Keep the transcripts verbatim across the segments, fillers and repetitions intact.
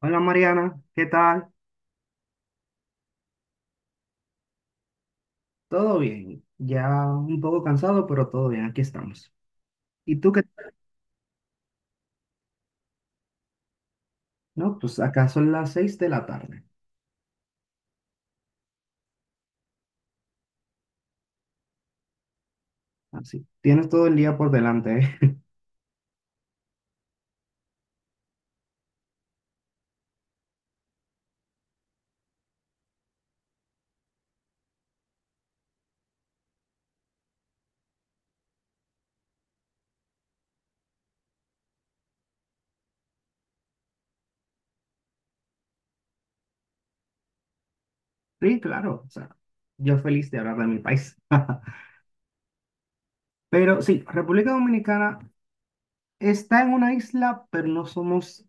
Hola Mariana, ¿qué tal? ¿Todo bien? Ya un poco cansado, pero todo bien, aquí estamos. ¿Y tú qué tal? No, pues acá son las seis de la tarde. Así. Tienes todo el día por delante, ¿eh? Sí, claro. O sea, yo feliz de hablar de mi país. Pero sí, República Dominicana está en una isla, pero no somos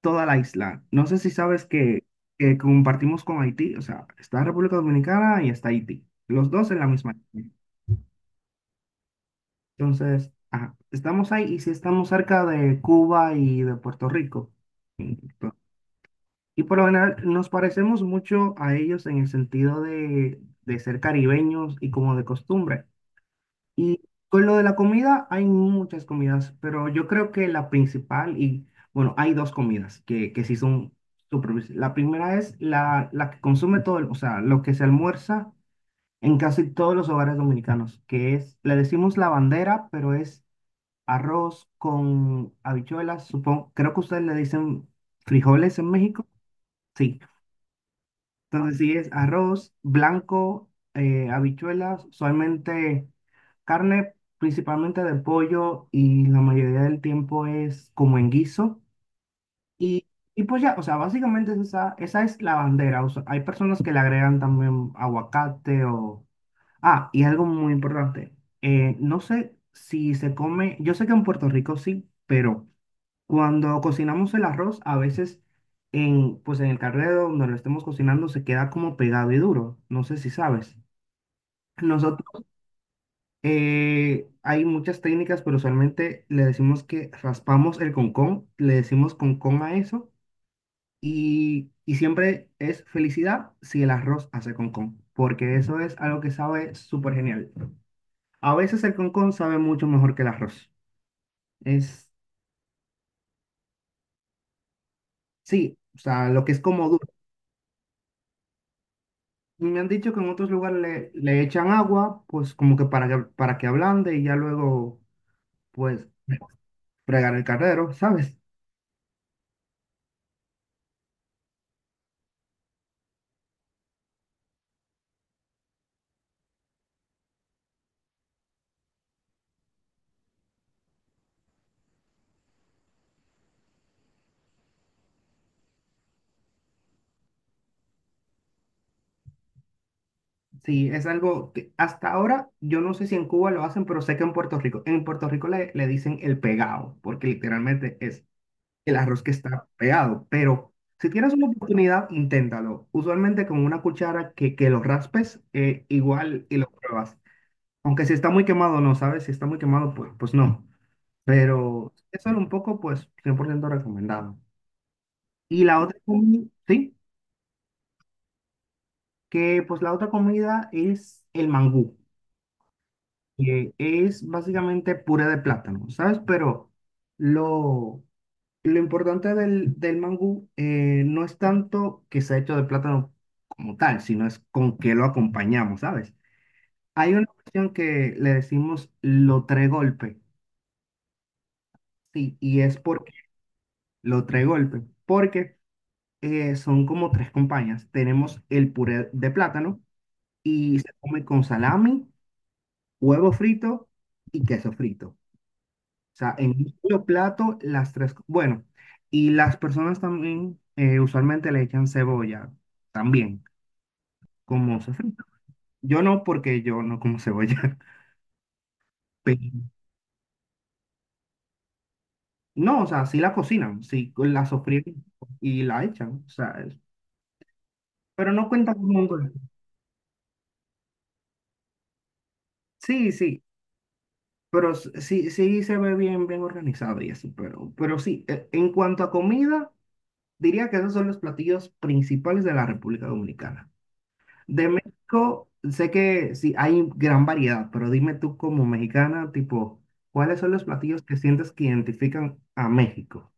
toda la isla. No sé si sabes que, que compartimos con Haití. O sea, está República Dominicana y está Haití. Los dos en la misma isla. Entonces, ajá, estamos ahí y si estamos cerca de Cuba y de Puerto Rico. Ento- Y por lo general nos parecemos mucho a ellos en el sentido de, de ser caribeños y como de costumbre. Y con lo de la comida, hay muchas comidas, pero yo creo que la principal, y bueno, hay dos comidas que, que sí son súper. vis- La primera es la, la que consume todo, el- o sea, lo que se almuerza en casi todos los hogares dominicanos, que es, le decimos la bandera, pero es arroz con habichuelas, supongo. Creo que ustedes le dicen frijoles en México. Sí. Entonces sí es arroz blanco, eh, habichuelas, usualmente carne principalmente de pollo y la mayoría del tiempo es como en guiso. Y, y pues ya, o sea, básicamente es esa, esa es la bandera. O sea, hay personas que le agregan también aguacate o... Ah, y algo muy importante. Eh, no sé si se come, yo sé que en Puerto Rico sí, pero... Cuando cocinamos el arroz, a veces en, pues en el carrero donde lo estemos cocinando se queda como pegado y duro. No sé si sabes. Nosotros eh, hay muchas técnicas, pero usualmente le decimos que raspamos el concón, le decimos concón a eso y, y siempre es felicidad si el arroz hace concón, porque eso es algo que sabe súper genial. A veces el concón sabe mucho mejor que el arroz. Es, sí, o sea, lo que es como duro. Me han dicho que en otros lugares le, le, echan agua, pues como que, para que, para que ablande y ya luego, pues, fregar el carrero, ¿sabes? Sí, es algo que hasta ahora yo no sé si en Cuba lo hacen, pero sé que en Puerto Rico, en Puerto Rico, le, le dicen el pegado, porque literalmente es el arroz que está pegado. Pero si tienes una oportunidad, inténtalo. Usualmente con una cuchara que, que lo raspes, eh, igual y lo pruebas. Aunque si está muy quemado, no, ¿sabes? Si está muy quemado, pues, pues no. Pero eso era un poco, pues, cien por ciento recomendado. Y la otra comida, sí, que pues la otra comida es el mangú, que es básicamente puré de plátano, ¿sabes? Pero lo, lo importante del, del mangú eh, no es tanto que sea hecho de plátano como tal, sino es con qué lo acompañamos, ¿sabes? Hay una cuestión que le decimos lo tres golpe, sí, y es porque lo tres golpe, porque eh, son como tres compañías. Tenemos el puré de plátano y se come con salami, huevo frito y queso frito. O sea, en un solo plato, las tres. co- Bueno, y las personas también eh, usualmente le echan cebolla también, como sofrito. Yo no, porque yo no como cebolla. Pero, no, o sea, sí la cocinan, sí la sofríen y la echan. O sea, es- pero no cuenta como un dulce. Sí, sí. Pero s- sí, sí se ve bien, bien organizado y eso, pero, pero sí, e- en cuanto a comida, diría que esos son los platillos principales de la República Dominicana. De México, sé que sí hay gran variedad, pero dime tú como mexicana, tipo, ¿cuáles son los platillos que sientes que identifican a México?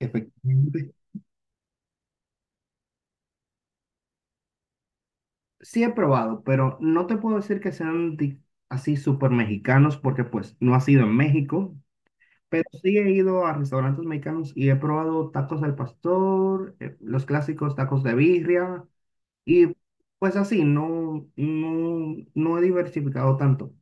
Efectivamente. Sí he probado, pero no te puedo decir que sean di- así súper mexicanos porque pues no ha sido en México, pero sí he ido a restaurantes mexicanos y he probado tacos al pastor, eh, los clásicos tacos de birria y pues así, no, no, no he diversificado tanto.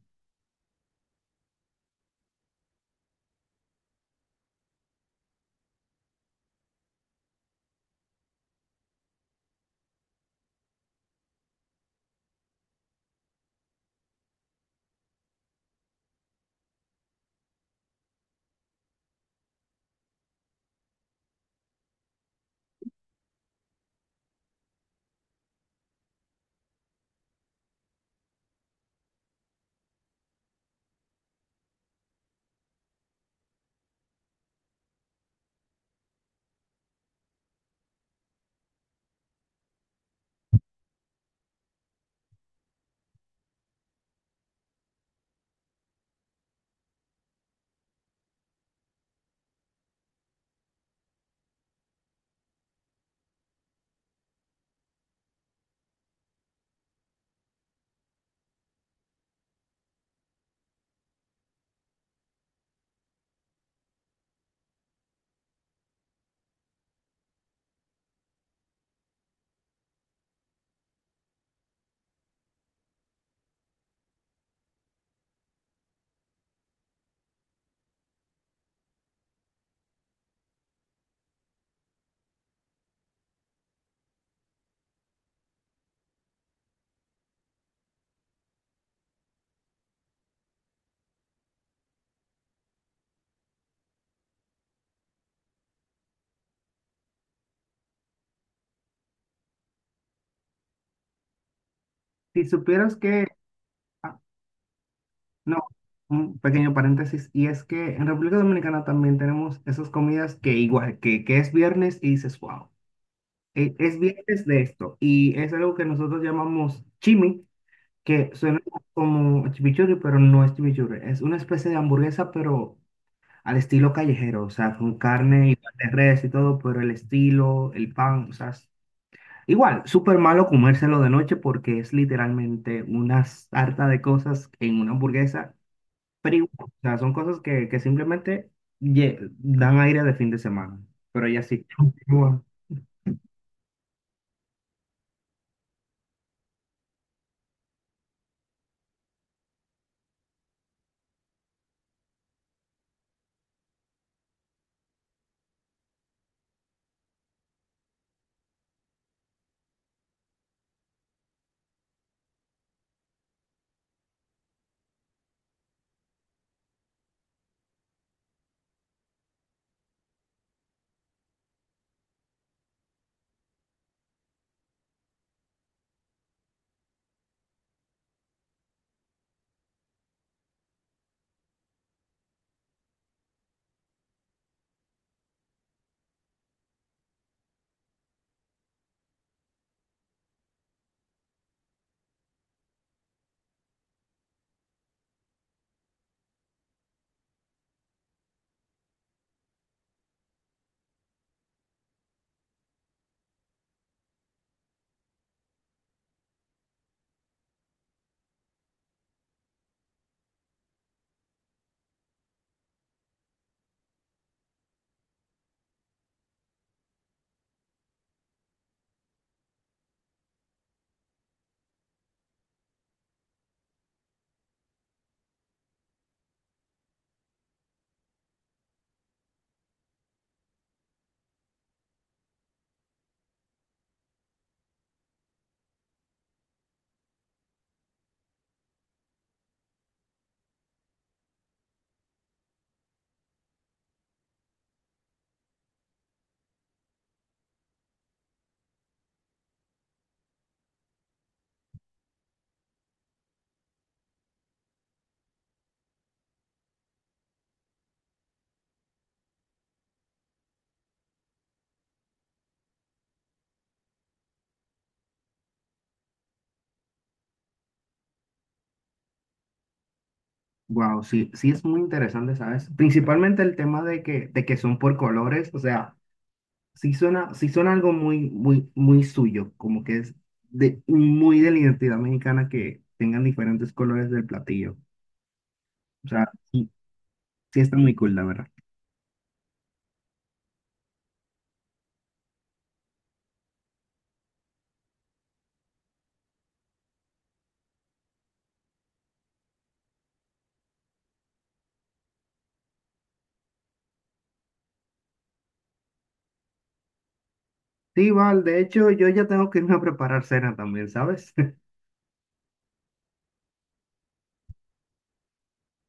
Si supieras que, ah, no, un pequeño paréntesis, y es que en República Dominicana también tenemos esas comidas que igual, que, que es viernes y dices, wow, e- es viernes de esto. Y es algo que nosotros llamamos chimi, que suena como chimichurri, pero no es chimichurri, es una especie de hamburguesa, pero al estilo callejero, o sea, con carne y pan de res y todo, pero el estilo, el pan, o sea, es- igual, súper malo comérselo de noche porque es literalmente una sarta de cosas en una hamburguesa, pero igual, o sea, son cosas que, que simplemente lle- dan aire de fin de semana, pero ya sí. Wow, sí, sí es muy interesante, ¿sabes? Principalmente el tema de que, de que, son por colores, o sea, sí suena, sí suena algo muy, muy, muy suyo, como que es de, muy de la identidad mexicana que tengan diferentes colores del platillo. O sea, sí, sí está muy cool, la verdad. Sí, Val, de hecho, yo ya tengo que irme a preparar cena también, ¿sabes?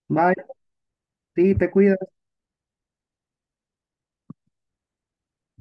Bye, sí, te cuidas.